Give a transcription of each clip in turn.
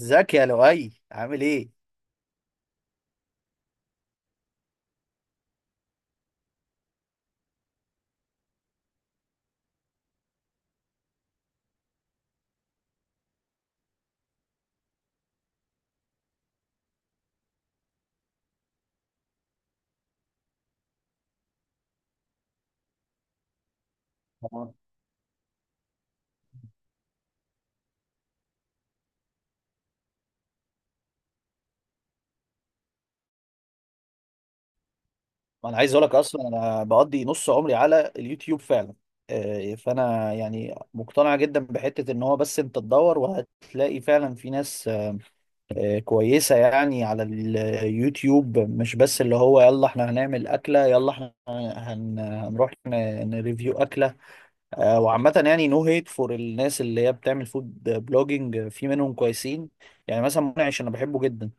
ازيك يا لؤي عامل ايه؟ تمام. انا عايز اقول لك اصلا انا بقضي نص عمري على اليوتيوب فعلا. فانا يعني مقتنع جدا بحته ان هو بس انت تدور وهتلاقي فعلا في ناس كويسه يعني على اليوتيوب، مش بس اللي هو يلا احنا هنعمل اكله يلا احنا هنروح نريفيو اكله. وعامه يعني نو هيت فور الناس اللي هي بتعمل فود بلوجينج، في منهم كويسين. يعني مثلا منعش انا بحبه جدا.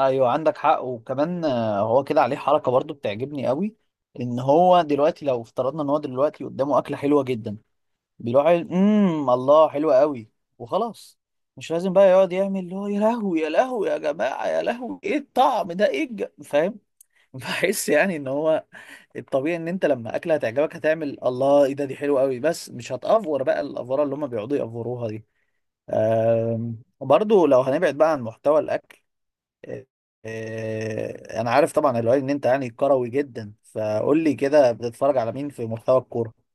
ايوه عندك حق. وكمان هو كده عليه حركه برضو بتعجبني قوي، ان هو دلوقتي لو افترضنا ان هو دلوقتي قدامه اكله حلوه جدا، بيروح قايل، الله حلوه قوي وخلاص. مش لازم بقى يقعد يعمل اللي هو يا لهوي يا لهوي يا جماعه يا لهوي ايه الطعم ده ايه فاهم؟ بحس يعني ان هو الطبيعي ان انت لما اكله هتعجبك هتعمل الله ايه ده دي حلوه قوي، بس مش هتأفور بقى الافوره اللي هم بيقعدوا يأفوروها دي. برضو لو هنبعد بقى عن محتوى الاكل، انا عارف طبعا الوالي ان انت يعني كروي جدا، فقول لي كده بتتفرج على مين في محتوى الكوره؟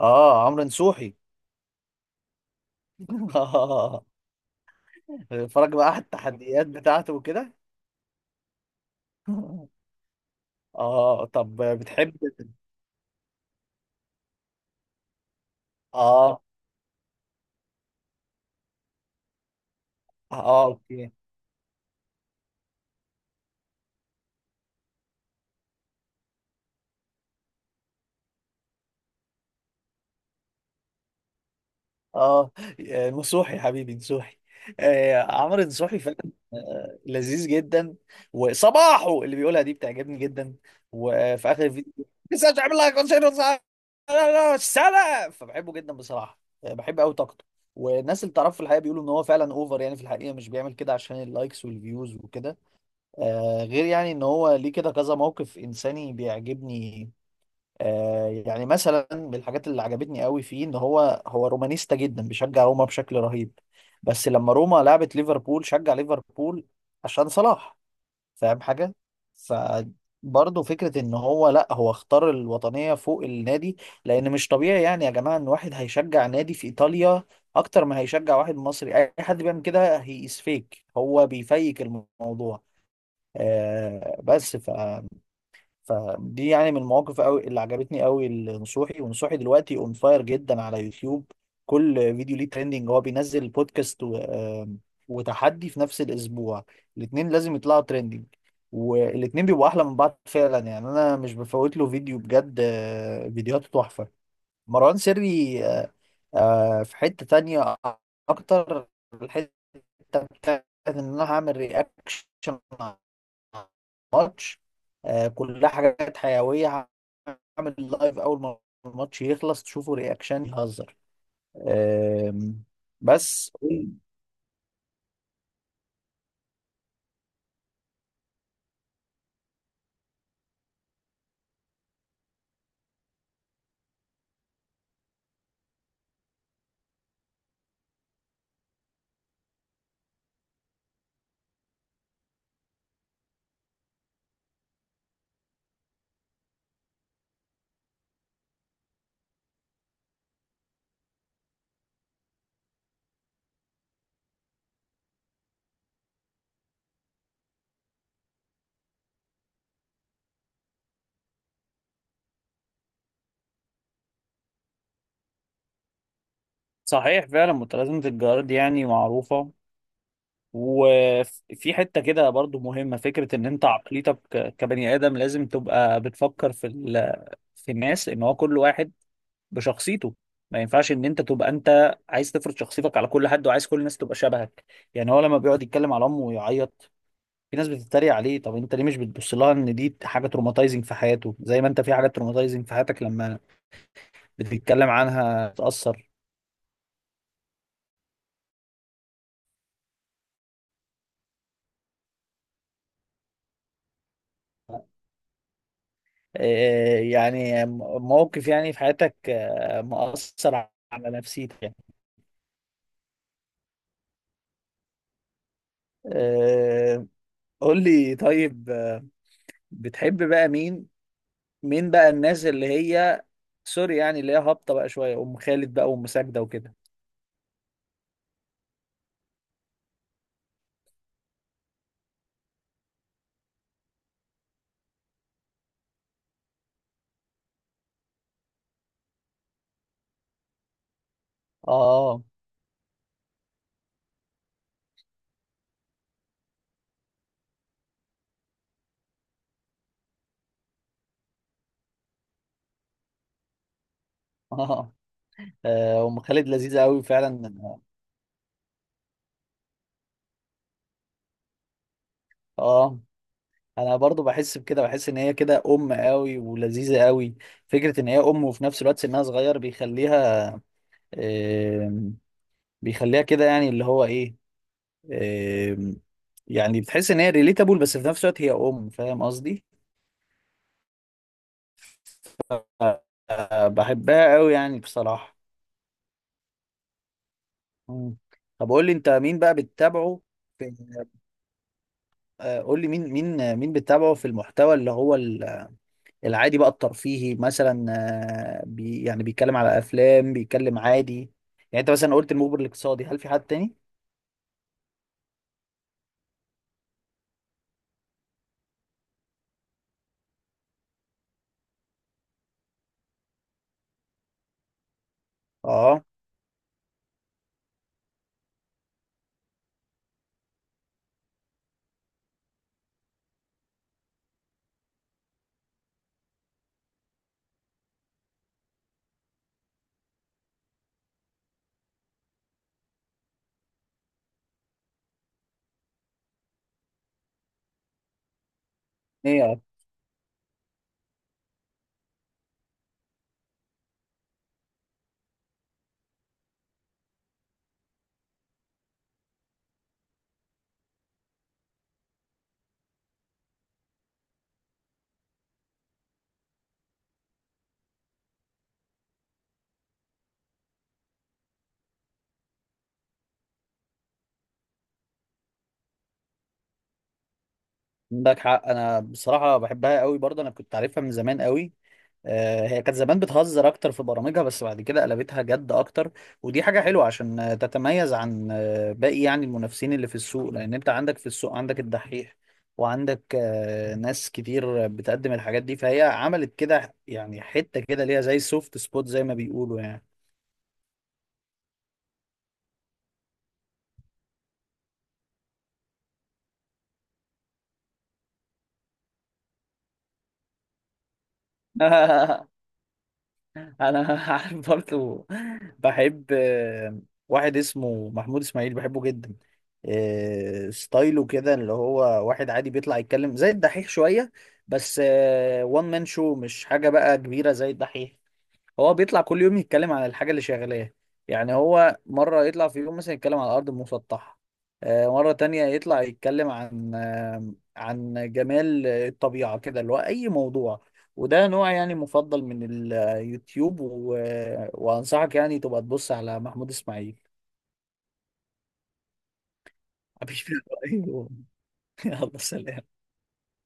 اه، عمرو نصوحي. اه، بتتفرج بقى على التحديات بتاعته وكده؟ اه، طب بتحب. اه اه، اوكي. اه، نصوحي يا حبيبي نصوحي. آه عمرو نصوحي فعلا. آه لذيذ جدا. وصباحه اللي بيقولها دي بتعجبني جدا، وفي اخر الفيديو. لسه مش عامل لها كونسيرت سنه، فبحبه جدا بصراحه. بحب قوي طاقته. والناس اللي تعرفه في الحقيقه بيقولوا ان هو فعلا اوفر، يعني في الحقيقه مش بيعمل كده عشان اللايكس والفيوز وكده. آه غير يعني ان هو ليه كده كذا موقف انساني بيعجبني. يعني مثلا من الحاجات اللي عجبتني قوي فيه ان هو رومانيستا جدا، بيشجع روما بشكل رهيب، بس لما روما لعبت ليفربول شجع ليفربول عشان صلاح. فاهم حاجة؟ فبرضه فكرة ان هو لا هو اختار الوطنية فوق النادي. لان مش طبيعي يعني يا جماعة ان واحد هيشجع نادي في ايطاليا اكتر ما هيشجع واحد مصري. اي حد بيعمل كده هي از فيك، هو بيفيك الموضوع. آه بس. فدي يعني من المواقف قوي اللي عجبتني قوي لنصوحي. ونصوحي دلوقتي اون فاير جدا على يوتيوب، كل فيديو ليه ترending. هو بينزل بودكاست و وتحدي في نفس الاسبوع، الاتنين لازم يطلعوا ترending، والاتنين بيبقوا احلى من بعض فعلا. يعني انا مش بفوت له فيديو بجد. فيديوهاته تحفة مروان سري. في حتة تانية اكتر، الحتة بتاعت ان انا هعمل رياكشن ماتش. كلها حاجات حيوية. هعمل لايف أول ما الماتش يخلص تشوفوا رياكشن يهزر. آم، بس صحيح فعلا متلازمة الجارد يعني معروفة. وفي حتة كده برضو مهمة، فكرة ان انت عقليتك كبني ادم لازم تبقى بتفكر في الناس، ان هو كل واحد بشخصيته. ما ينفعش ان انت تبقى انت عايز تفرض شخصيتك على كل حد وعايز كل الناس تبقى شبهك. يعني هو لما بيقعد يتكلم على امه ويعيط، في ناس بتتريق عليه. طب انت ليه مش بتبص لها ان دي حاجه تروماتايزنج في حياته، زي ما انت في حاجات تروماتايزنج في حياتك لما بتتكلم عنها تاثر. إيه يعني؟ موقف يعني في حياتك مؤثر على نفسيتك يعني. آه، قول لي طيب، بتحب بقى مين؟ مين بقى الناس اللي هي سوري يعني اللي هي هابطه بقى شويه؟ ام خالد بقى، وام ساجده وكده. اه اه. ام خالد لذيذه قوي فعلا. اه، انا برضو بحس بكده، بحس ان هي كده ام قوي ولذيذه قوي. فكره ان هي ام وفي نفس الوقت سنها صغير بيخليها، آم، بيخليها كده يعني اللي هو ايه، آم، يعني بتحس ان هي ريليتابل بس في نفس الوقت هي ام. فاهم قصدي؟ آه، بحبها قوي يعني بصراحه. مم. طب قول لي انت مين بقى بتتابعه في، قول لي مين بتتابعه في المحتوى اللي هو العادي بقى الترفيهي مثلا، بي يعني بيتكلم على افلام بيتكلم عادي. يعني انت مثلا قلت المخبر الاقتصادي، هل في حد تاني؟ اه ايه. عندك حق. انا بصراحه بحبها قوي برضه، انا كنت عارفها من زمان قوي. هي كانت زمان بتهزر اكتر في برامجها بس بعد كده قلبتها جد اكتر. ودي حاجة حلوة عشان تتميز عن باقي يعني المنافسين اللي في السوق. لان انت عندك في السوق عندك الدحيح، وعندك ناس كتير بتقدم الحاجات دي، فهي عملت كده يعني حتة كده ليها زي سوفت سبوت زي ما بيقولوا يعني. انا عارف برضه. بحب واحد اسمه محمود اسماعيل، بحبه جدا. ستايله كده اللي هو واحد عادي بيطلع يتكلم زي الدحيح شوية بس، وان مان شو مش حاجة بقى كبيرة زي الدحيح. هو بيطلع كل يوم يتكلم عن الحاجة اللي شغلاه. يعني هو مرة يطلع في يوم مثلا يتكلم عن الأرض المسطحة، مرة تانية يطلع يتكلم عن عن جمال الطبيعة كده اللي هو أي موضوع. وده نوع يعني مفضل من اليوتيوب وأنصحك يعني تبقى تبص على محمود إسماعيل. مفيش فيه رأي. يلا سلام.